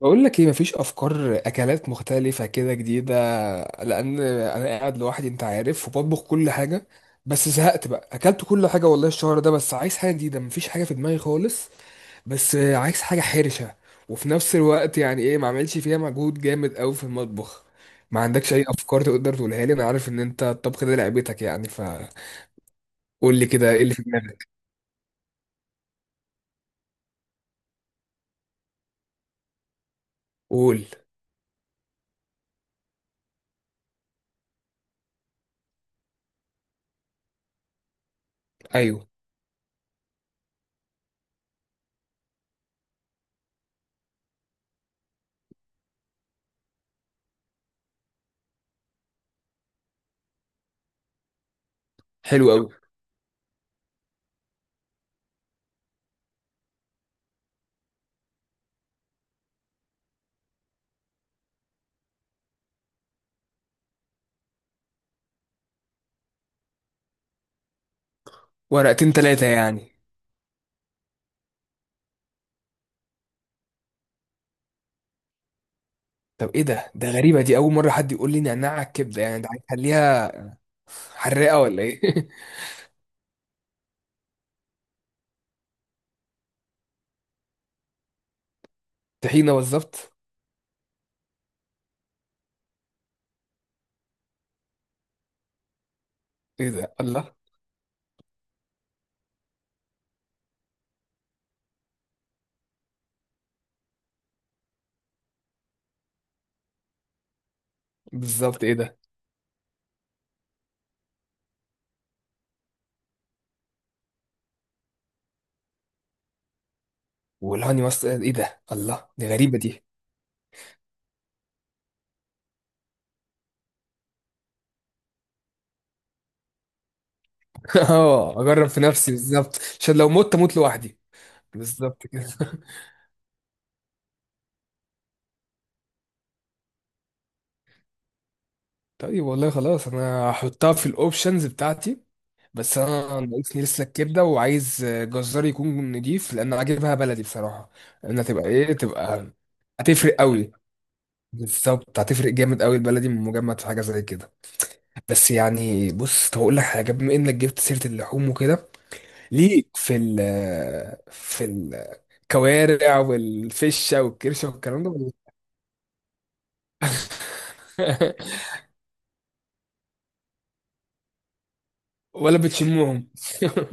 بقول لك ايه؟ مفيش افكار اكلات مختلفه كده جديده؟ لان انا قاعد لوحدي انت عارف وبطبخ كل حاجه. بس زهقت بقى اكلت كل حاجه والله الشهر ده، بس عايز حاجه جديده مفيش حاجه في دماغي خالص. بس عايز حاجه حرشه وفي نفس الوقت يعني ايه ما اعملش فيها مجهود جامد قوي في المطبخ. ما عندكش اي افكار تقدر تقولها لي؟ انا عارف ان انت الطبخ ده لعبتك يعني فقول لي كده ايه اللي في دماغك. قول. ايوه. حلو قوي. ورقتين ثلاثه يعني؟ طب ايه ده غريبة دي، اول مرة حد يقول لي نعناع على الكبدة، يعني ده هيخليها حراقة ولا ايه؟ طحينة بالظبط. ايه ده؟ الله. بالظبط. ايه ده؟ والهاني ماستر، ايه ده؟ الله، دي غريبة دي. اه اجرب في نفسي بالظبط عشان لو مت اموت لوحدي. بالظبط كده. طيب والله خلاص انا هحطها في الاوبشنز بتاعتي. بس انا ناقصني لسه الكبده، وعايز جزار يكون نضيف لان عاجبها بلدي بصراحه. لانها تبقى ايه، تبقى هتفرق قوي. بالظبط هتفرق جامد قوي، البلدي من مجمد في حاجه زي كده. بس يعني بص، طب اقول لك حاجه بما انك جبت سيره اللحوم وكده، ليك في ال في الكوارع والفشه والكرشه والكلام ده ولا؟ ولا بتشمهم؟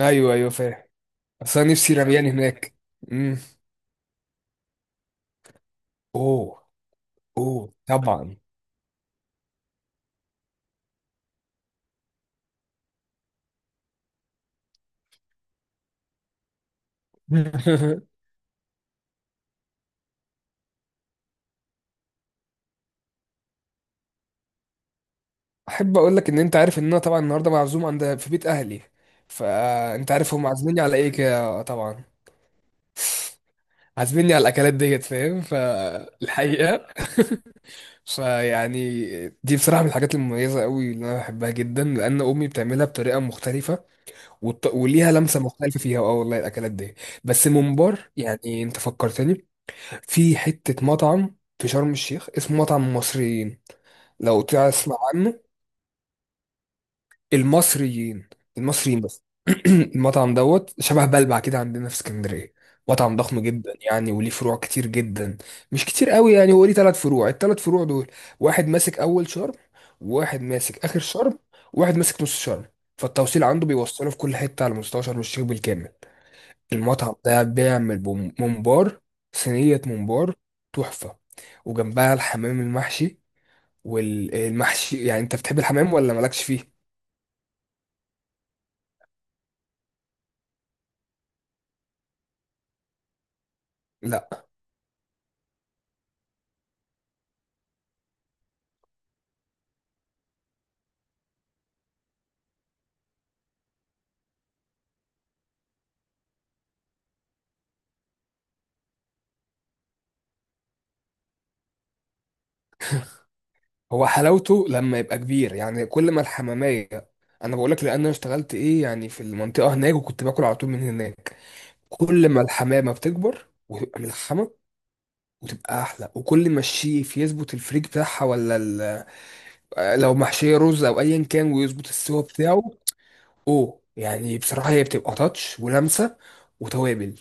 ايوه ايوه، فاهم. بس انا نفسي رميان هناك. امم. اوه. اوه طبعا. احب اقول لك ان انت عارف ان انا طبعا النهارده معزوم عند في بيت اهلي، فانت عارف هم عازميني على ايه كده آه، طبعا. عازميني على الاكلات ديت، فاهم؟ فالحقيقه فيعني دي بصراحه من الحاجات المميزه قوي اللي انا بحبها جدا لان امي بتعملها بطريقه مختلفه. وليها لمسه مختلفه فيها، اه والله الاكلات دي. بس ممبار، يعني انت فكرتني في حته مطعم في شرم الشيخ اسمه مطعم المصريين، لو تسمع عنه. المصريين. المصريين بس. المطعم دوت شبه بلبع كده عندنا في اسكندريه، مطعم ضخم جدا يعني وليه فروع كتير جدا. مش كتير قوي يعني، هو ليه ثلاث فروع، الثلاث فروع دول واحد ماسك اول شرم، وواحد ماسك اخر شرم، وواحد ماسك نص شرم. فالتوصيل عنده بيوصله في كل حته على مستوى شرم الشيخ بالكامل. المطعم ده بيعمل ممبار، صينيه ممبار، تحفه. وجنبها الحمام المحشي والمحشي. يعني انت بتحب الحمام ولا مالكش فيه؟ لا هو حلاوته لما يبقى كبير، يعني كل ما الحمامية، انا بقول لك لان انا اشتغلت ايه يعني في المنطقة هناك، وكنت باكل على طول من هناك. كل ما الحمامة بتكبر وتبقى ملحمة وتبقى احلى، وكل ما الشيف يظبط الفريك بتاعها آه، لو محشية رز او ايا كان ويظبط السوا بتاعه. اوه يعني بصراحة هي بتبقى تاتش ولمسة وتوابل.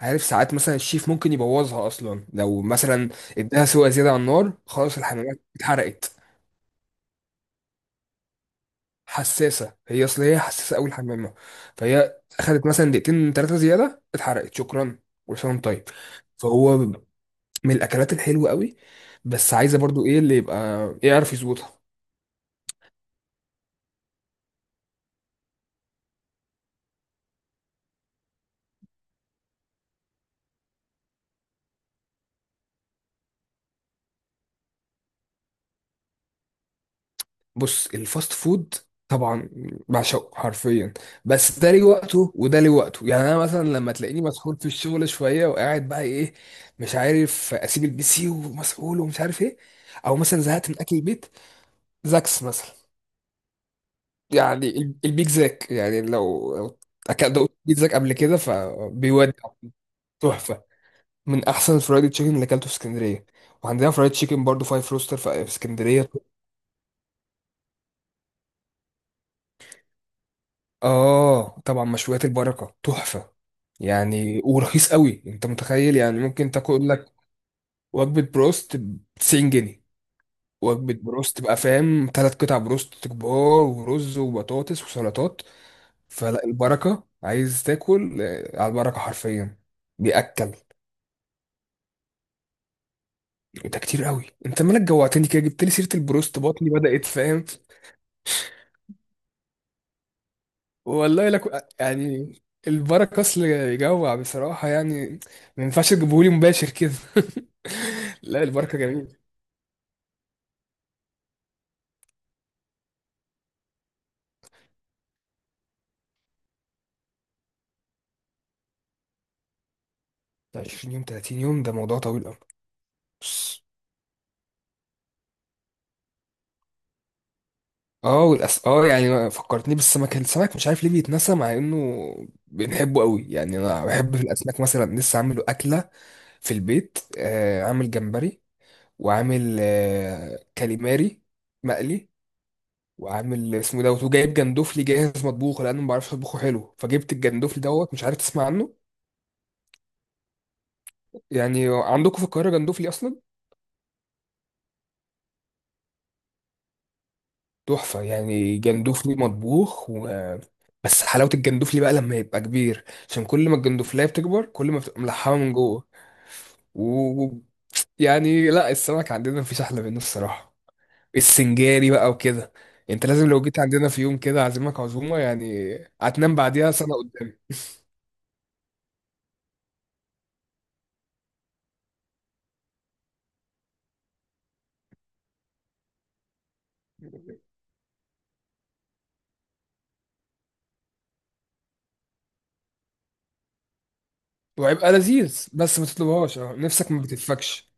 عارف ساعات مثلا الشيف ممكن يبوظها اصلا، لو مثلا اداها سوا زيادة على النار خلاص الحمامية اتحرقت. حساسه، هي اصل هي حساسه اول حمامه، فهي اخذت مثلا دقيقتين ثلاثه زياده اتحرقت شكرا. كل سنه وأنت طيب. فهو من الاكلات الحلوه قوي، بس عايزه برضو ايه اللي يبقى إيه يعرف يظبطها. بص الفاست فود طبعا بعشقه حرفيا، بس ده ليه وقته وده ليه وقته. يعني انا مثلا لما تلاقيني مسحول في الشغل شويه وقاعد بقى ايه، مش عارف اسيب البي سي ومسحول ومش عارف ايه، او مثلا زهقت من اكل البيت، زاكس مثلا. يعني البيك زاك، يعني لو اكلت دوقت بيك زاك قبل كده فبيودع، تحفه. من احسن الفرايد تشيكن اللي اكلته في اسكندريه. وعندنا فرايد تشيكن برضو فايف روستر في اسكندريه. اه طبعا مشويات البركه تحفه، يعني ورخيص قوي. انت متخيل يعني ممكن تاكل لك وجبه بروست ب 90 جنيه؟ وجبه بروست تبقى فاهم، ثلاث قطع بروست كبار ورز وبطاطس وسلطات. فلا البركه، عايز تاكل آه، على البركه حرفيا بيأكل. ده كتير قوي، انت مالك جوعتني كده جبت لي سيره البروست، بطني بدات، فاهم؟ والله لك يعني البركه اصل يجوع بصراحه يعني، ما ينفعش تجيبهولي مباشر كده. لا البركه جميل. 20 يوم 30 يوم ده موضوع طويل قوي. بص، اه يعني فكرتني بالسمك. السمك مش عارف ليه بيتنسى مع انه بنحبه قوي. يعني انا بحب في الاسماك، مثلا لسه عامله اكله في البيت آه، عامل جمبري، وعامل آه كاليماري مقلي، وعامل اسمه دوت، وجايب جندوفلي جاهز مطبوخ لان ما بعرفش اطبخه حلو، فجبت الجندوفلي دوت، مش عارف تسمع عنه؟ يعني عندكم في القاهره جندوفلي اصلا؟ تحفه يعني جندوفلي مطبوخ بس حلاوه الجندوفلي بقى لما يبقى كبير، عشان كل ما الجندوفليه بتكبر كل ما بتبقى ملحمه من جوه و... و- يعني لا السمك عندنا مفيش احلى منه الصراحه. السنجاري بقى وكده، انت لازم لو جيت عندنا في يوم كده اعزمك عزومه يعني، هتنام بعديها سنه. وهيبقى لذيذ بس ما تطلبهاش، اه نفسك ما بتتفكش.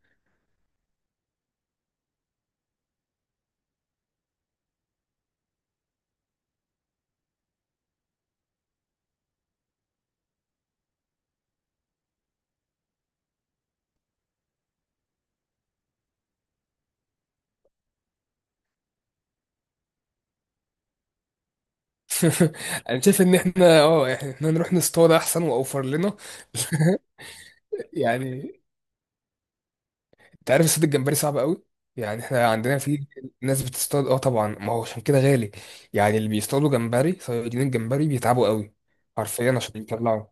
انا شايف ان احنا نروح نصطاد احسن واوفر لنا. يعني انت عارف الصيد الجمبري صعب قوي، يعني احنا عندنا في ناس بتصطاد، اه طبعا ما هو عشان كده غالي. يعني اللي بيصطادوا جمبري، صيادين الجمبري بيتعبوا قوي حرفيا عشان يطلعوا.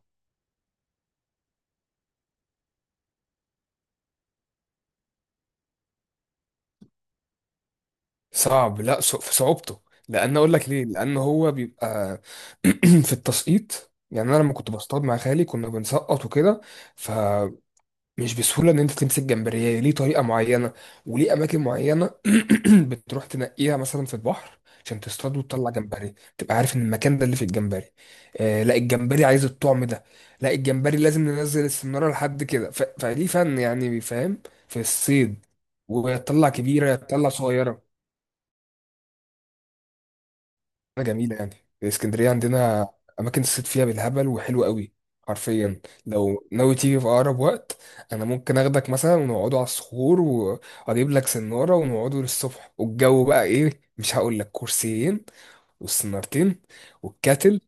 صعب، لا صع- في صعوبته. لان اقول لك ليه، لان هو بيبقى في التسقيط. يعني انا لما كنت بصطاد مع خالي كنا بنسقط وكده، مش بسهولة إن أنت تمسك جمبرية، ليه طريقة معينة وليه أماكن معينة. بتروح تنقيها مثلا في البحر عشان تصطاد وتطلع جمبري، تبقى عارف إن المكان ده اللي فيه الجمبري. آه لا الجمبري عايز الطعم ده، لا الجمبري لازم ننزل السنارة لحد كده فليه فن يعني، فاهم؟ في الصيد ويطلع كبيرة يطلع صغيرة جميلة يعني. اسكندرية عندنا أماكن الصيد فيها بالهبل، وحلوة قوي حرفيا. لو ناوي تيجي في أقرب وقت أنا ممكن أخدك مثلا ونقعدوا على الصخور، وأجيب لك سنارة ونقعدوا للصبح والجو بقى إيه، مش هقول لك، كرسيين والسنارتين والكاتل.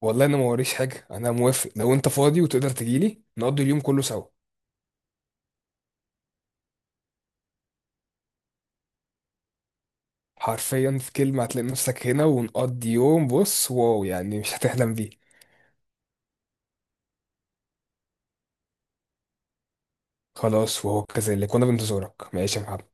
والله أنا ما وريش حاجة، أنا موافق لو أنت فاضي وتقدر تجيلي نقضي اليوم كله سوا. حرفيا في كلمة هتلاقي نفسك هنا ونقضي يوم بص واو، يعني مش هتحلم بيه. خلاص وهو كذلك، وأنا بنتظرك، ماشي يا محمد.